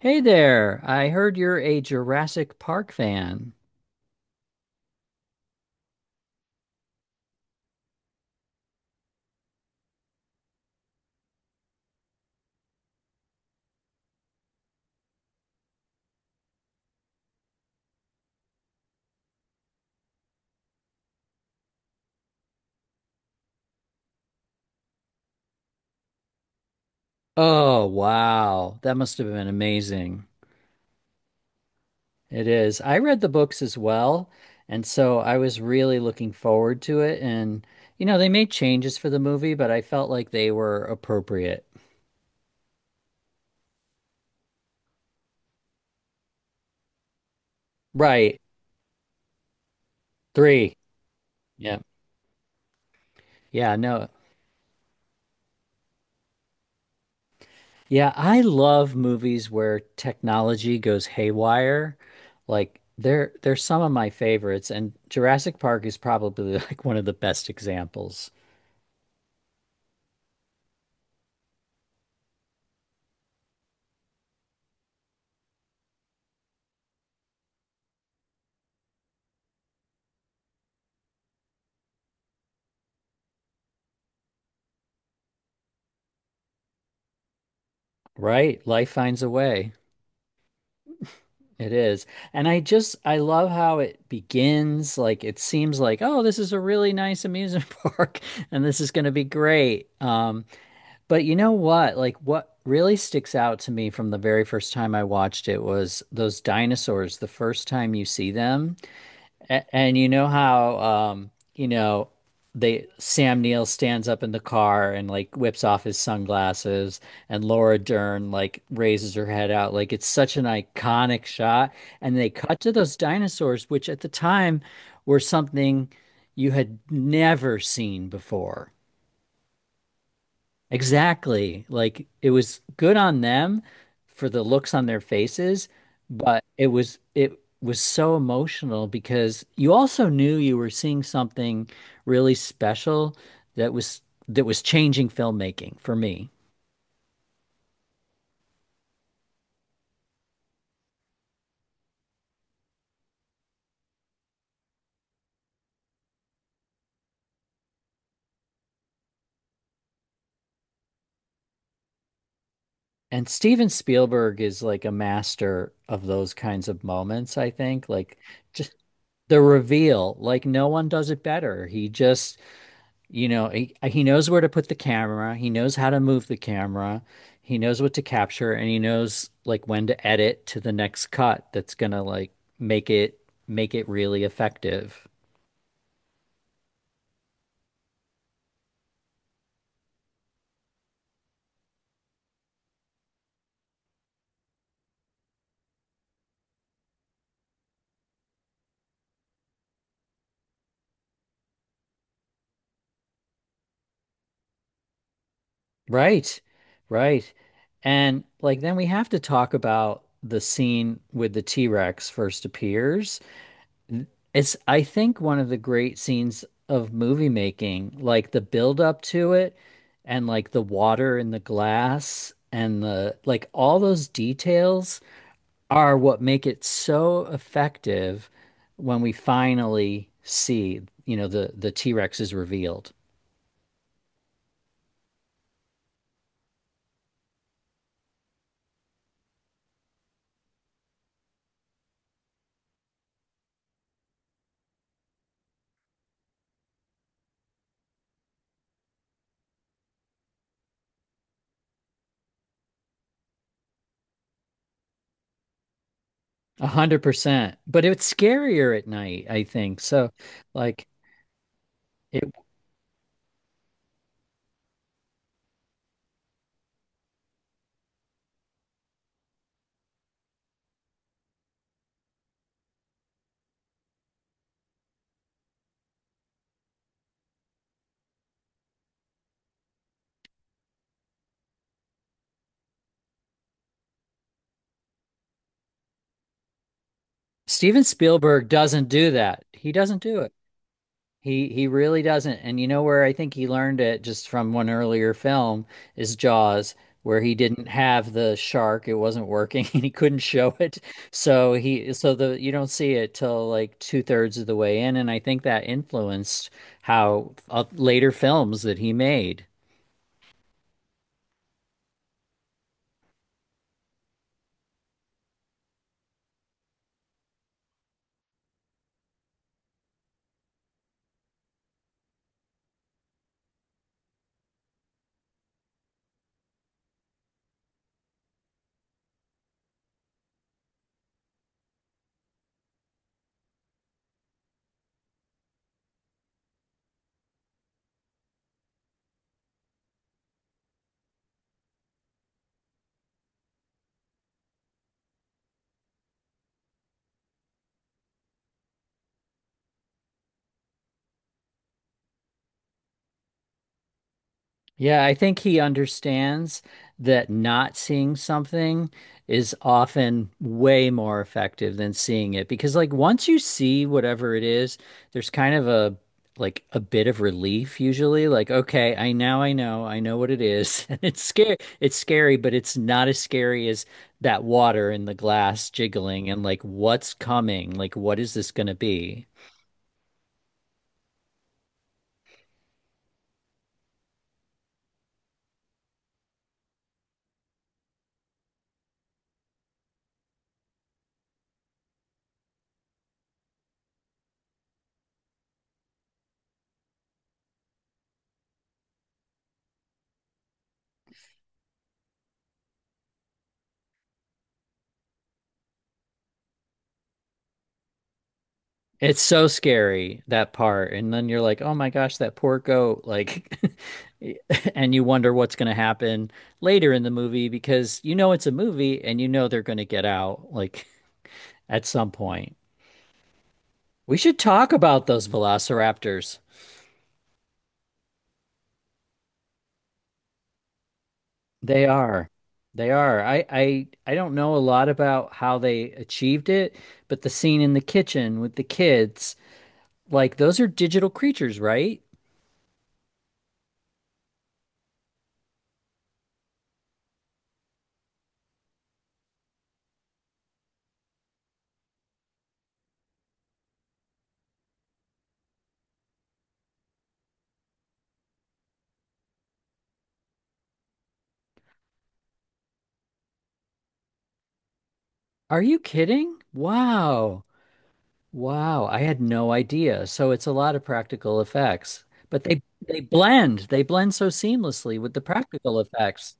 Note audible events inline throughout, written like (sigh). Hey there. I heard you're a Jurassic Park fan. Oh, wow. That must have been amazing. It is. I read the books as well, and so I was really looking forward to it. And, you know, they made changes for the movie, but I felt like they were appropriate. Right. Three. Yeah. Yeah, no. Yeah, I love movies where technology goes haywire. Like they're some of my favorites, and Jurassic Park is probably (laughs) like one of the best examples. Right. Life finds a way. It is. And I love how it begins. Like it seems like, oh, this is a really nice amusement (laughs) park and this is going to be great. But you know what? Like what really sticks out to me from the very first time I watched it was those dinosaurs, the first time you see them. And you know how they Sam Neill stands up in the car and like whips off his sunglasses and Laura Dern like raises her head out. Like it's such an iconic shot. And they cut to those dinosaurs, which at the time were something you had never seen before. Exactly. Like it was good on them for the looks on their faces, but it was so emotional because you also knew you were seeing something really special that was that was changing filmmaking for me. And Steven Spielberg is like a master of those kinds of moments, I think. Like just the reveal, like no one does it better. He just You know, he knows where to put the camera. He knows how to move the camera. He knows what to capture and he knows like when to edit to the next cut that's gonna like make it make it really effective. Right. Right. And like then we have to talk about the scene with the T-Rex first appears. It's, I think, one of the great scenes of movie making, like the build up to it and like the water and the glass and the like all those details are what make it so effective when we finally see, you know, the T-Rex is revealed. 100%. But it's scarier at night, I think. So like it, Steven Spielberg doesn't do that. He doesn't do it. He really doesn't. And you know where I think he learned it just from one earlier film is Jaws, where he didn't have the shark. It wasn't working (laughs) and he couldn't show it. So he so the you don't see it till like two-thirds of the way in. And I think that influenced how later films that he made. Yeah, I think he understands that not seeing something is often way more effective than seeing it because like once you see whatever it is, there's kind of a like a bit of relief usually like okay, I know what it is. (laughs) And it's scary. It's scary, but it's not as scary as that water in the glass jiggling and like what's coming? Like what is this going to be? It's so scary that part. And then you're like, oh my gosh, that poor goat. Like, (laughs) and you wonder what's going to happen later in the movie because you know it's a movie and you know they're going to get out like (laughs) at some point. We should talk about those velociraptors. They are. They are. I don't know a lot about how they achieved it, but the scene in the kitchen with the kids, like those are digital creatures, right? Are you kidding? Wow. Wow, I had no idea. So it's a lot of practical effects, but they blend. They blend so seamlessly with the practical effects.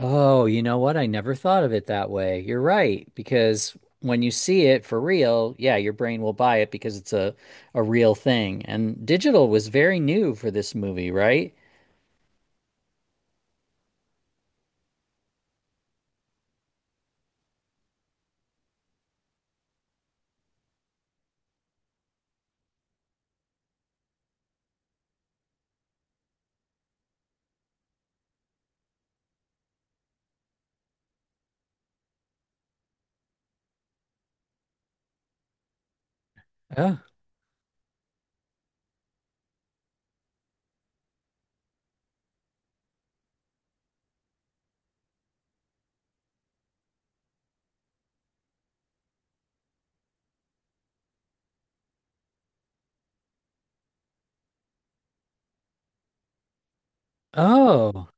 Oh, you know what? I never thought of it that way. You're right, because when you see it for real, yeah, your brain will buy it because it's a real thing. And digital was very new for this movie, right? Oh. Oh.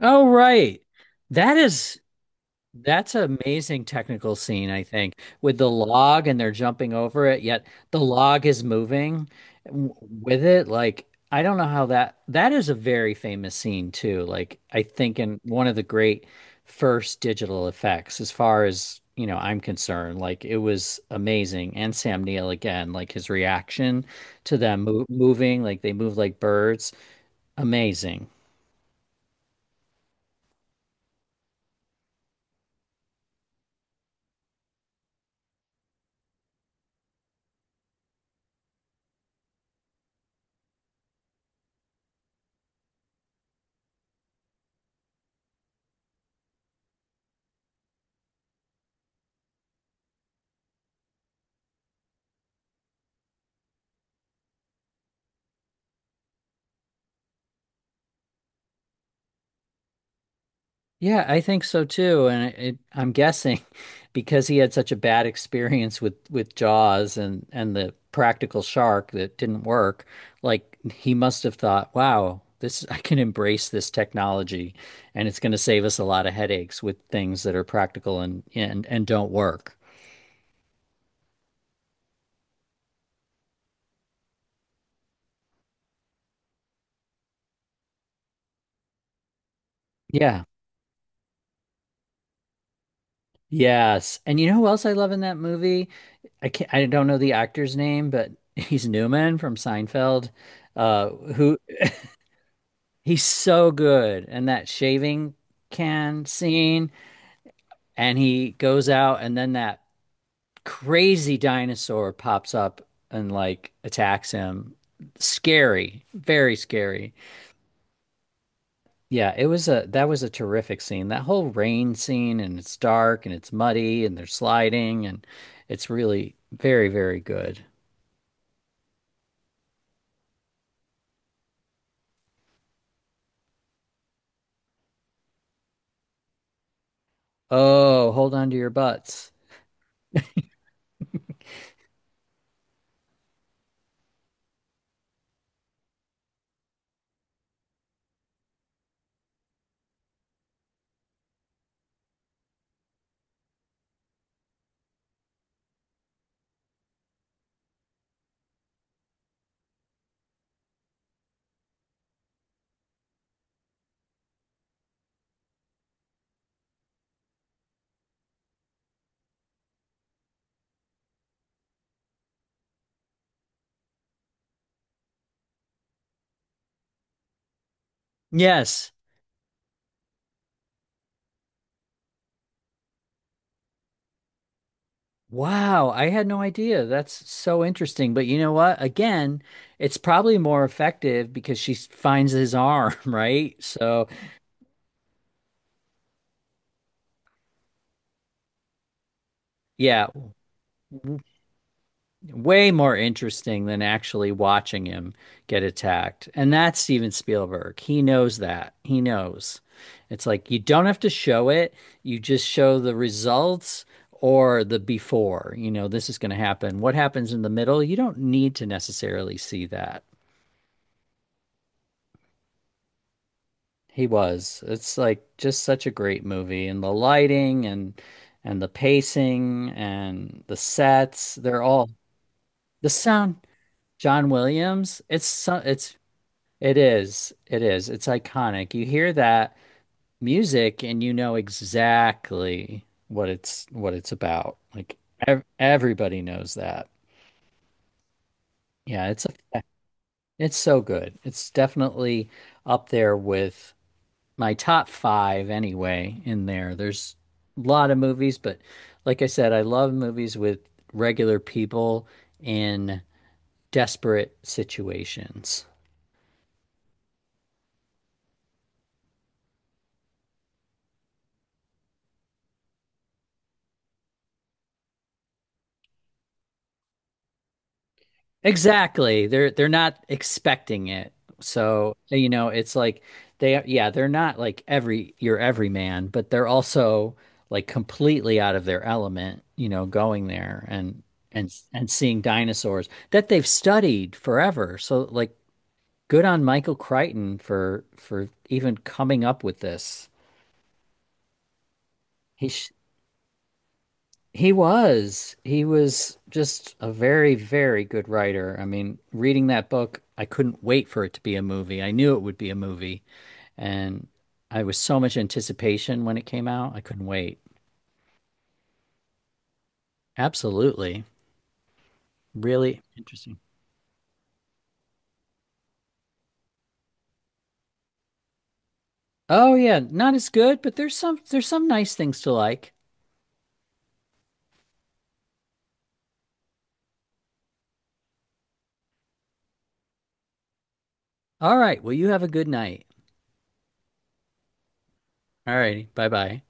Oh, right. That is That's an amazing technical scene, I think, with the log and they're jumping over it, yet the log is moving w- with it. Like, I don't know how that is a very famous scene too. Like, I think in one of the great first digital effects, as far as, you know, I'm concerned, like it was amazing. And Sam Neill again, like his reaction to them mo moving, like they move like birds, amazing. Yeah, I think so too, and I'm guessing (laughs) because he had such a bad experience with Jaws and the practical shark that didn't work, like he must have thought, "Wow, this (laughs) I can embrace this technology, and it's going to save us a lot of headaches with things that are practical and don't work." Yeah. Yes. And you know who else I love in that movie? I don't know the actor's name, but (laughs) he's Newman from Seinfeld, who He's so good. And that shaving can scene, and he goes out, and then that crazy dinosaur pops up and like attacks him. Scary, very scary. Yeah, it was a that was a terrific scene. That whole rain scene, and it's dark and it's muddy and they're sliding, and it's really very, very good. Oh, hold on to your butts. Yes, wow, I had no idea. That's so interesting. But you know what? Again, it's probably more effective because finds his arm, (laughs) right? So, yeah, w- way more interesting than actually watching him get attacked. And that's Steven Spielberg. He knows that. He knows. It's like you don't have to show it, you just show the results or the before. You know, this is going to happen. What happens in the middle? You don't need to necessarily see that. He was. It's like just such a great movie and the lighting and the pacing and the sets, they're all the sound. John Williams, it is. It is. It's iconic. You hear that music and you know exactly what it's about. Like ev everybody knows that. Yeah, it's a it's so good. It's definitely up there with my top five anyway in there. There's a lot of movies, but like I said, I love movies with regular people in desperate situations. Exactly. They're not expecting it. So, you know, it's like they yeah, they're not like everyman, but they're also like completely out of their element, you know, going there and seeing dinosaurs that they've studied forever. So like good on Michael Crichton for even coming up with this. He sh he was just a very, very good writer. I mean, reading that book, I couldn't wait for it to be a movie. I knew it would be a movie, and I was so much anticipation when it came out. I couldn't wait. Absolutely. Really interesting. Oh yeah, not as good, but there's some nice things to like. All right, well you have a good night. All righty, bye-bye.